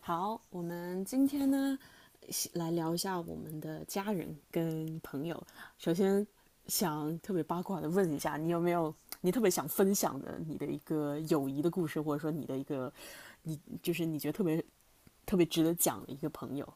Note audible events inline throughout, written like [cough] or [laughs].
好，我们今天呢来聊一下我们的家人跟朋友。首先想特别八卦的问一下，你有没有你特别想分享的你的一个友谊的故事，或者说你的一个你就是你觉得特别特别值得讲的一个朋友？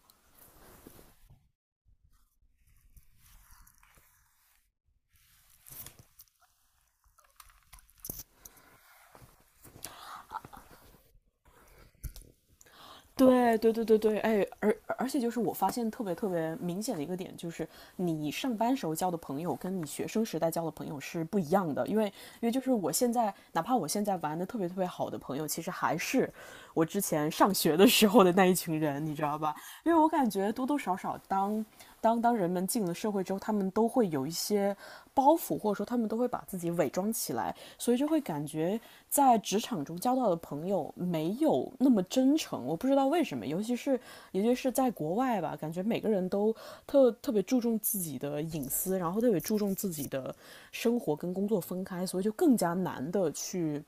对对对对对，哎，而且就是我发现特别特别明显的一个点，就是你上班时候交的朋友跟你学生时代交的朋友是不一样的，因为就是我现在哪怕我现在玩的特别特别好的朋友，其实还是我之前上学的时候的那一群人，你知道吧？因为我感觉多多少少当人们进了社会之后，他们都会有一些包袱，或者说他们都会把自己伪装起来，所以就会感觉在职场中交到的朋友没有那么真诚。我不知道为什么，尤其是在国外吧，感觉每个人都特别注重自己的隐私，然后特别注重自己的生活跟工作分开，所以就更加难的去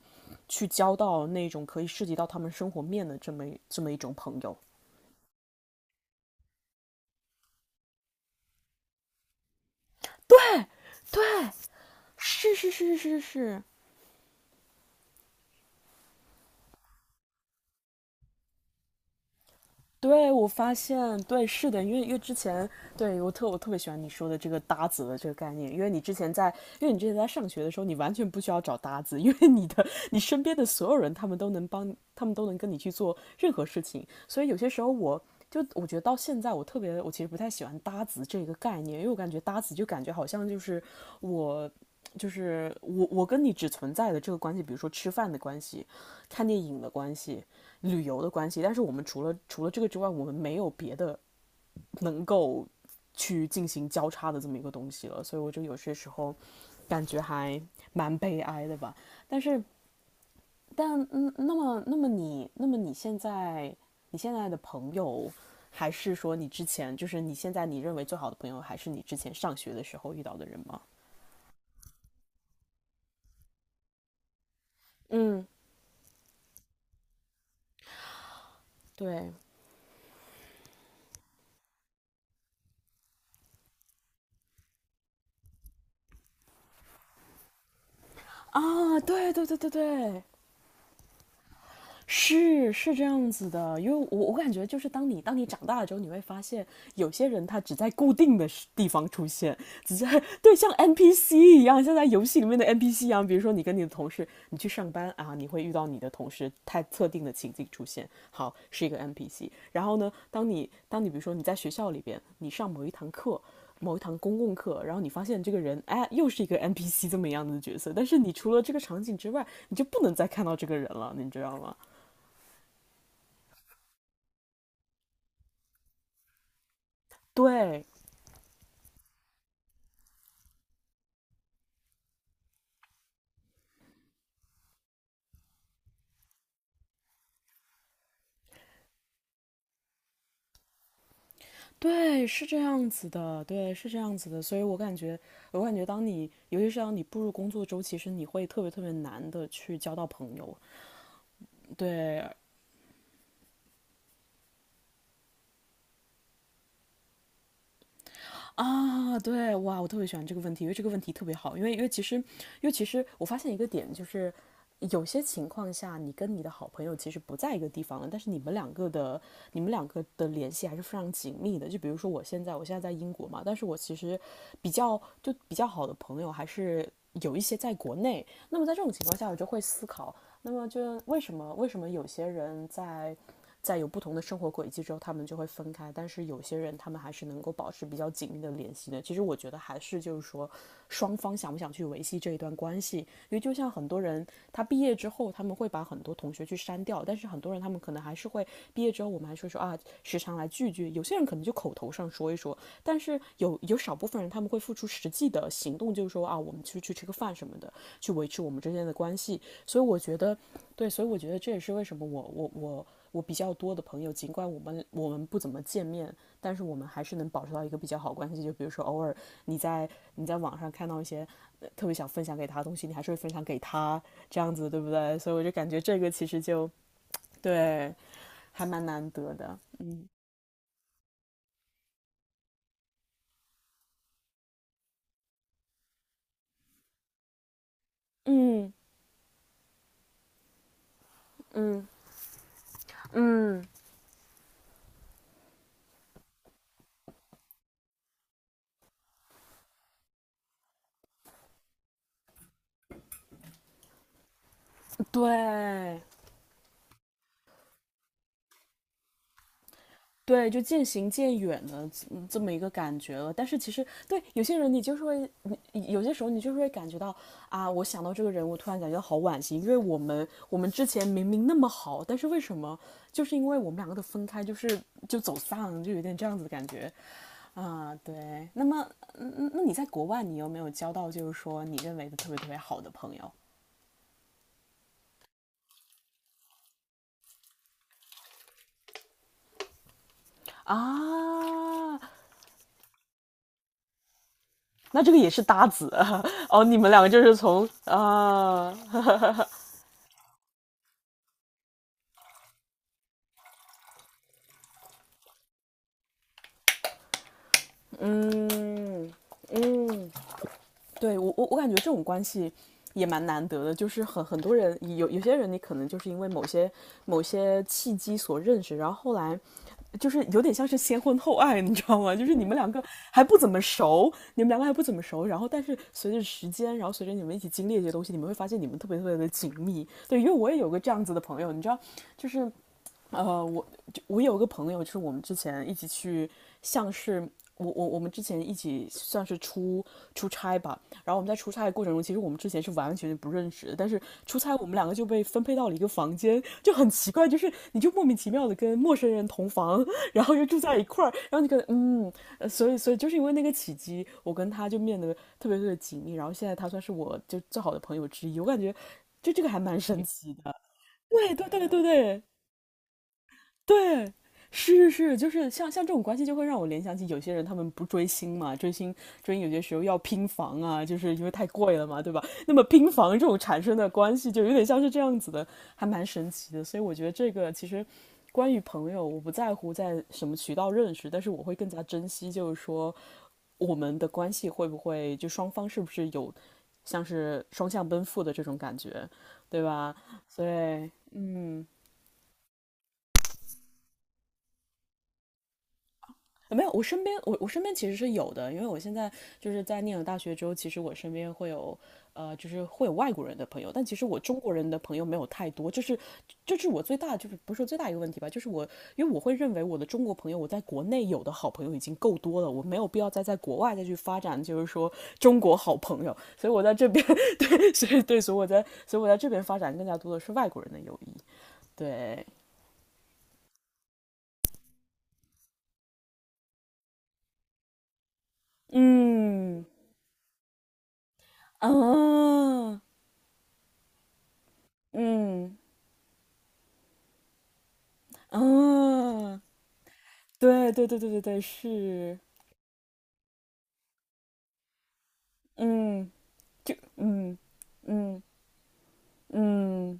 去交到那种可以涉及到他们生活面的这么一种朋友。是是是是是，对，我发现，对，是的，因为之前，我特别喜欢你说的这个搭子的这个概念，因为你之前在上学的时候，你完全不需要找搭子，因为你的你身边的所有人，他们都能跟你去做任何事情，所以有些时候我。就我觉得到现在，我特别，我其实不太喜欢搭子这个概念，因为我感觉搭子就感觉好像就是我，我跟你只存在的这个关系，比如说吃饭的关系、看电影的关系，旅游的关系，但是我们除了这个之外，我们没有别的能够去进行交叉的这么一个东西了，所以我就有些时候感觉还蛮悲哀的吧。但是，但嗯，那么你现在你现在的朋友，还是说你之前就是你现在你认为最好的朋友，还是你之前上学的时候遇到的人吗？嗯，对啊，对对对对对，是是这样子的，因为我感觉就是当你长大了之后，你会发现有些人他只在固定的地方出现，只在对像 NPC 一样，像在游戏里面的 NPC 一样。比如说你跟你的同事，你去上班啊，你会遇到你的同事，他特定的情景出现，好是一个 NPC。然后呢，当你比如说你在学校里边，你上某一堂课。某一堂公共课，然后你发现这个人，哎，又是一个 NPC 这么样的角色，但是你除了这个场景之外，你就不能再看到这个人了，你知道吗？对，对，是这样子的，对，是这样子的。所以我感觉,当你，尤其是当你步入工作周，其实你会特别特别难的去交到朋友。对，对，哇，我特别喜欢这个问题，因为这个问题特别好，因为其实我发现一个点就是。有些情况下，你跟你的好朋友其实不在一个地方了，但是你们两个的联系还是非常紧密的。就比如说我现在在英国嘛，但是我其实就比较好的朋友还是有一些在国内。那么在这种情况下，我就会思考，那么就为什么有些人在有不同的生活轨迹之后，他们就会分开。但是有些人，他们还是能够保持比较紧密的联系的。其实我觉得还是就是说，双方想不想去维系这一段关系。因为就像很多人，他毕业之后，他们会把很多同学去删掉，但是很多人他们可能还是会毕业之后，我们还是会说啊，时常来聚聚。有些人可能就口头上说一说，但是有少部分人他们会付出实际的行动，就是说啊，我们去吃个饭什么的，去维持我们之间的关系。所以我觉得对，所以我觉得这也是为什么我比较多的朋友，尽管我们不怎么见面，但是我们还是能保持到一个比较好关系。就比如说，偶尔你在你在网上看到特别想分享给他的东西，你还是会分享给他，这样子对不对？所以我就感觉这个其实就对，还蛮难得的。嗯嗯嗯，对对，就渐行渐远的这么一个感觉了。但是其实对有些人，你就是会，你有些时候你就是会感觉到啊，我想到这个人，我突然感觉到好惋惜，因为我们之前明明那么好，但是为什么就是因为我们两个的分开，就走散，就有点这样子的感觉啊。对，那么那你在国外，你有没有交到就是说你认为的特别特别好的朋友啊？那这个也是搭子 [laughs] 哦，你们两个就是从啊嗯嗯，对我感觉这种关系也蛮难得的，就是很多人有些人你可能就是因为某些契机所认识，然后后来就是有点像是先婚后爱，你知道吗？你们两个还不怎么熟，然后但是随着时间，然后随着你们一起经历这些东西，你们会发现你们特别特别的紧密。对，因为我也有个这样子的朋友，你知道，就是呃，我就我有个朋友，就是我们之前一起去，像是我我们之前一起算是出差吧。然后我们在出差的过程中，其实我们之前是完完全全不认识的，但是出差我们两个就被分配到了一个房间，就很奇怪，就是你就莫名其妙的跟陌生人同房，然后又住在一块儿，然后你可能所以所以就是因为那个契机，我跟他就变得特别特别紧密。然后现在他算是我就最好的朋友之一，我感觉就这个还蛮神奇的。对对对对对。对，是是是，就是像这种关系，就会让我联想起有些人他们不追星嘛，追星有些时候要拼房啊，就是因为太贵了嘛，对吧？那么拼房这种产生的关系，就有点像是这样子的，还蛮神奇的。所以我觉得这个其实。关于朋友，我不在乎在什么渠道认识，但是我会更加珍惜，就是说我们的关系会不会双方是不是有像是双向奔赴的这种感觉，对吧？所以，嗯。没有，我身边其实是有的。因为我现在就是在念了大学之后，其实我身边会有就是会有外国人的朋友，但其实我中国人的朋友没有太多。就是这是我最大，就是不是说最大一个问题吧。就是因为我会认为我的中国朋友，我在国内有的好朋友已经够多了，我没有必要再在国外再去发展，就是说中国好朋友，所以我在这边 [laughs] 对，所以对，所以我在这边发展更加多的是外国人的友谊。对，嗯啊，嗯。嗯，对对对对对对，是，嗯，嗯嗯嗯，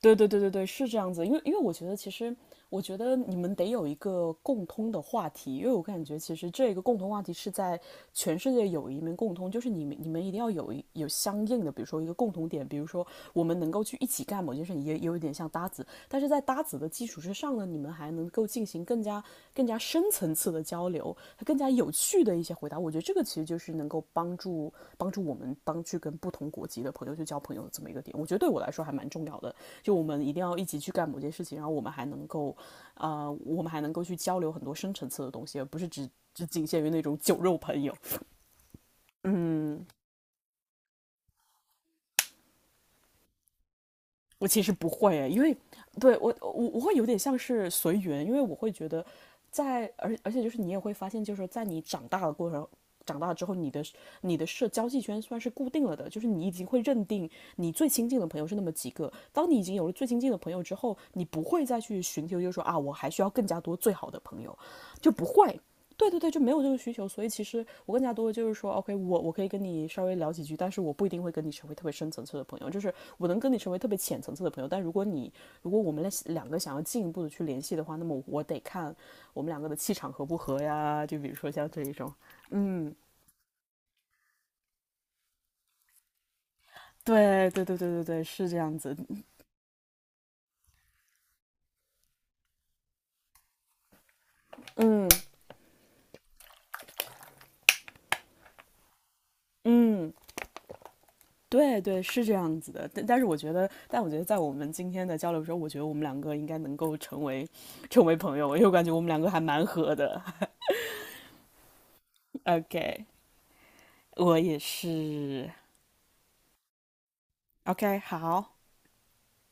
对对对对对，是这样子。因为我觉得其实，我觉得你们得有一个共通的话题。因为我感觉其实这个共同话题是在全世界有一面共通，就是你们一定要有相应的，比如说一个共同点。比如说我们能够去一起干某件事情，也有一点像搭子，但是在搭子的基础之上呢，你们还能够进行更加深层次的交流，更加有趣的一些回答。我觉得这个其实就是能够帮助我们当去跟不同国籍的朋友去交朋友的这么一个点，我觉得对我来说还蛮重要的。就我们一定要一起去干某件事情，然后我们还能够，我们还能够去交流很多深层次的东西，而不是只仅限于那种酒肉朋友。嗯，我其实不会，因为对我会有点像是随缘，因为我会觉得在，而且就是你也会发现，就是说在你长大的过程。长大之后，你的社交际圈算是固定了的，就是你已经会认定你最亲近的朋友是那么几个。当你已经有了最亲近的朋友之后，你不会再去寻求。就是说啊，我还需要更加多最好的朋友，就不会。对对对，就没有这个需求。所以其实我更加多的就是说，OK，我可以跟你稍微聊几句，但是我不一定会跟你成为特别深层次的朋友，就是我能跟你成为特别浅层次的朋友。但如果我们两个想要进一步的去联系的话，那么我得看我们两个的气场合不合呀，就比如说像这一种。嗯，对对对对对对，是这样子。嗯嗯。对对，是这样子的，但是我觉得，但我觉得在我们今天的交流中，我觉得我们两个应该能够成为朋友，因为我感觉我们两个还蛮合的。[laughs] OK，我也是。OK，好。